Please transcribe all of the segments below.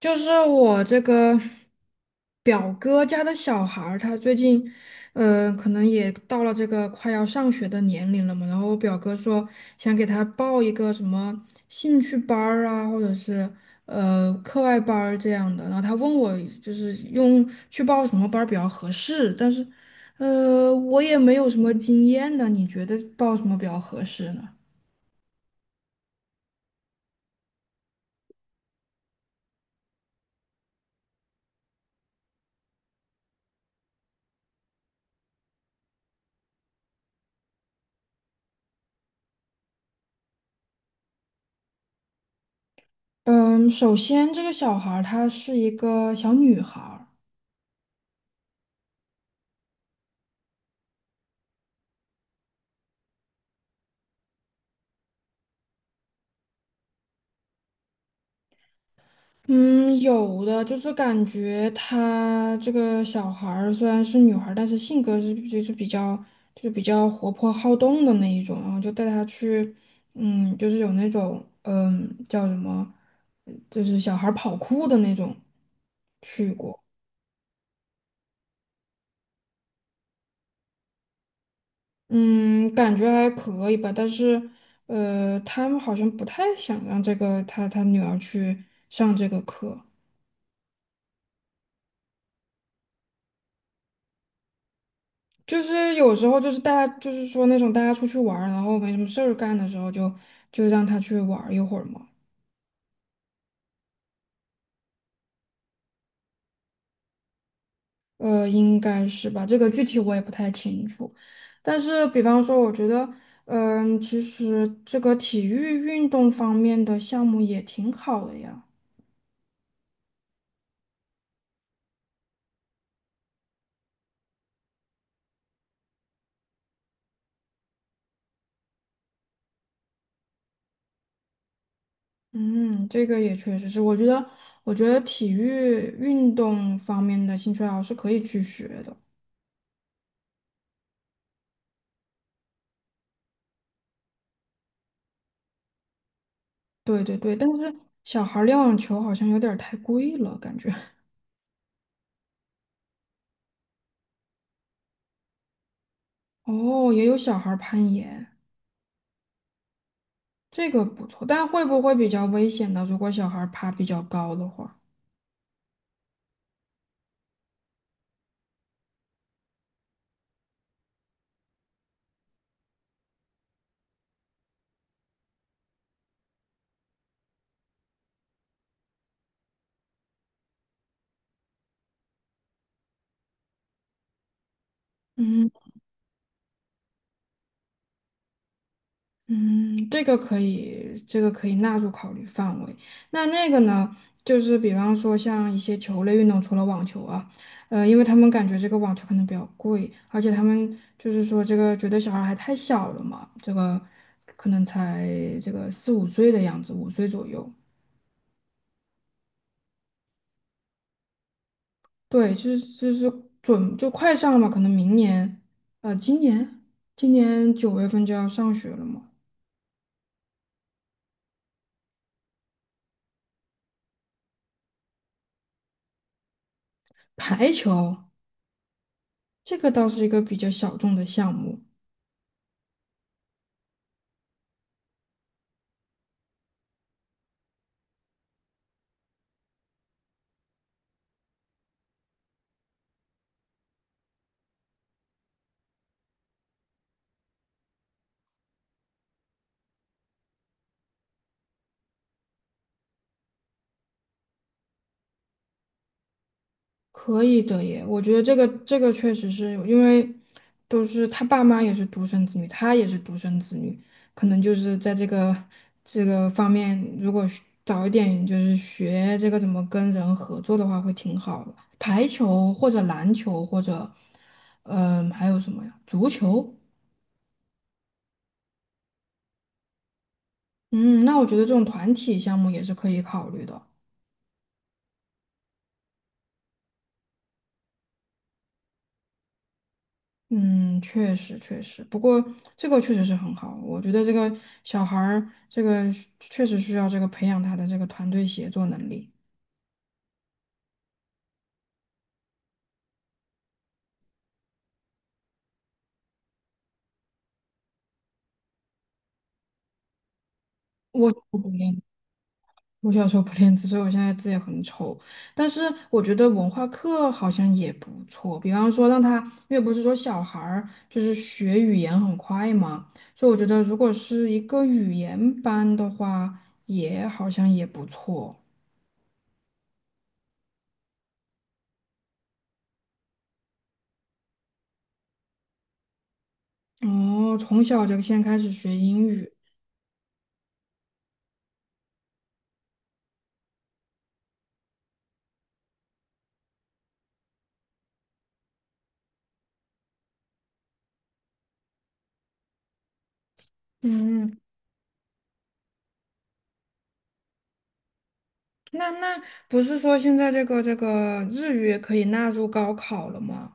就是我这个表哥家的小孩儿，他最近，可能也到了这个快要上学的年龄了嘛。然后我表哥说想给他报一个什么兴趣班儿啊，或者是课外班儿这样的。然后他问我就是用去报什么班儿比较合适，但是，我也没有什么经验呢。你觉得报什么比较合适呢？嗯，首先这个小孩儿她是一个小女孩儿。嗯，有的，就是感觉她这个小孩儿虽然是女孩儿，但是性格是就是比较就是比较活泼好动的那一种，然后就带她去，就是有那种叫什么，就是小孩儿跑酷的那种去过，嗯，感觉还可以吧，但是他们好像不太想让这个他女儿去上这个课。就是有时候就是大家就是说那种大家出去玩儿，然后没什么事儿干的时候就让他去玩儿一会儿嘛。应该是吧，这个具体我也不太清楚。但是比方说，我觉得，其实这个体育运动方面的项目也挺好的呀。嗯，这个也确实是，我觉得体育运动方面的兴趣爱好是可以去学的。对对对，但是小孩儿练网球好像有点儿太贵了，感觉。哦，也有小孩儿攀岩，这个不错，但会不会比较危险呢？如果小孩儿爬比较高的话，嗯嗯，这个可以，这个可以纳入考虑范围。那个呢，就是比方说像一些球类运动，除了网球啊，因为他们感觉这个网球可能比较贵，而且他们就是说这个觉得小孩还太小了嘛，这个可能才这个四五岁的样子，五岁左右。对，就是就快上了嘛，可能明年，今年9月份就要上学了嘛。排球这个倒是一个比较小众的项目，可以的耶，我觉得这个确实是因为都是他爸妈也是独生子女，他也是独生子女，可能就是在这个方面，如果学早一点就是学这个怎么跟人合作的话，会挺好的。排球或者篮球或者，还有什么呀？足球。嗯，那我觉得这种团体项目也是可以考虑的。嗯，确实确实，不过这个确实是很好，我觉得这个小孩儿这个确实需要这个培养他的这个团队协作能力。我不练，我小时候不练字，所以我现在字也很丑。但是我觉得文化课好像也不错，比方说让他，因为不是说小孩儿就是学语言很快嘛，所以我觉得如果是一个语言班的话，也好像也不错。哦，从小就先开始学英语。嗯，那不是说现在这个日语也可以纳入高考了吗？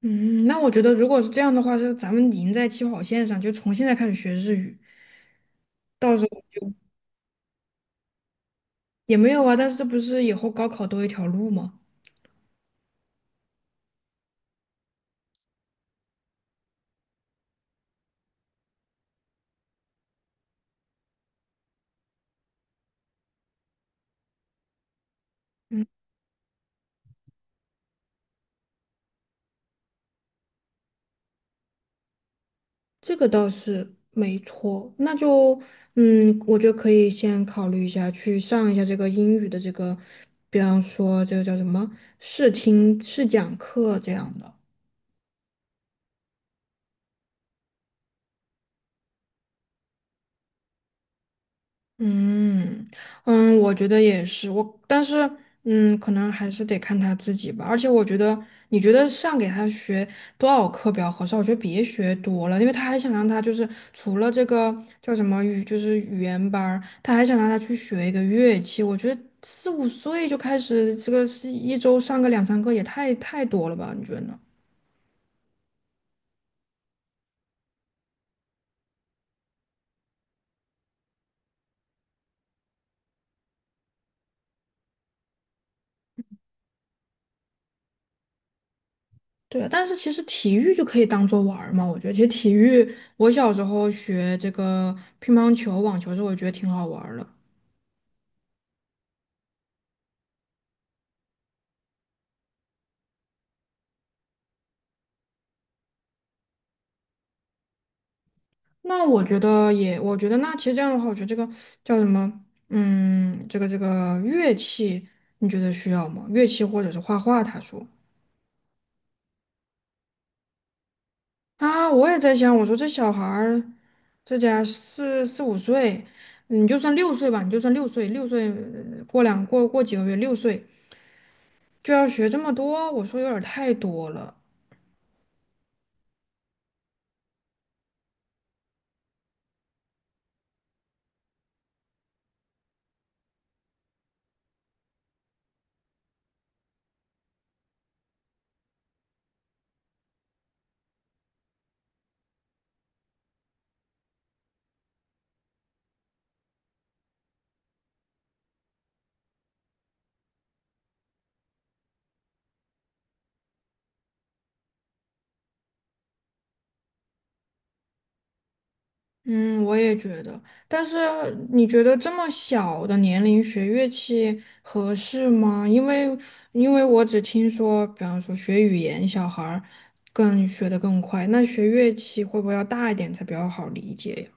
嗯，那我觉得如果是这样的话，是咱们赢在起跑线上，就从现在开始学日语，到时候就也没有啊。但是不是以后高考多一条路吗？嗯，这个倒是没错。那就我就可以先考虑一下，去上一下这个英语的这个，比方说这个叫什么试听试讲课这样的。嗯嗯，我觉得也是，但是可能还是得看他自己吧。而且我觉得，你觉得给他学多少课比较合适？我觉得别学多了，因为他还想让他就是除了这个叫什么语，就是语言班儿，他还想让他去学一个乐器。我觉得四五岁就开始这个是一周上个两三个也太多了吧？你觉得呢？对，但是其实体育就可以当做玩儿嘛，我觉得其实体育，我小时候学这个乒乓球、网球的时候我觉得挺好玩儿的。那我觉得也，我觉得那其实这样的话，我觉得这个叫什么，这个乐器，你觉得需要吗？乐器或者是画画？他说啊，我也在想，我说这小孩儿，这家四五岁，你就算六岁吧，你就算六岁，六岁呃过两过过几个月，六岁就要学这么多，我说有点儿太多了。嗯，我也觉得。但是你觉得这么小的年龄学乐器合适吗？因为我只听说，比方说学语言，小孩儿更学得更快，那学乐器会不会要大一点才比较好理解呀？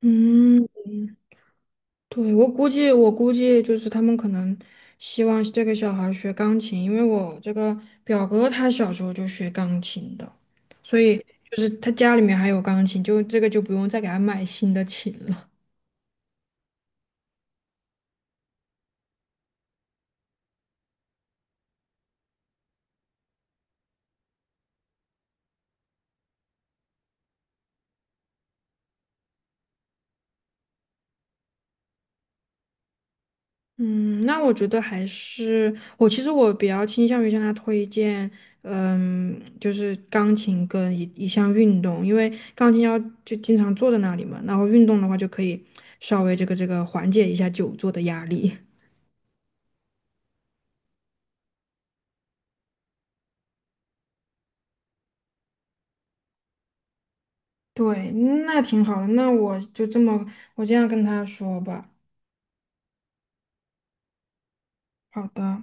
嗯，对，我估计就是他们可能希望这个小孩儿学钢琴，因为我这个表哥他小时候就学钢琴的，所以就是他家里面还有钢琴，就这个就不用再给他买新的琴了。嗯，那我觉得还是我其实我比较倾向于向他推荐，就是钢琴跟一项运动，因为钢琴要就经常坐在那里嘛，然后运动的话就可以稍微这个缓解一下久坐的压力。对，那挺好的，那我就这么我这样跟他说吧。好的。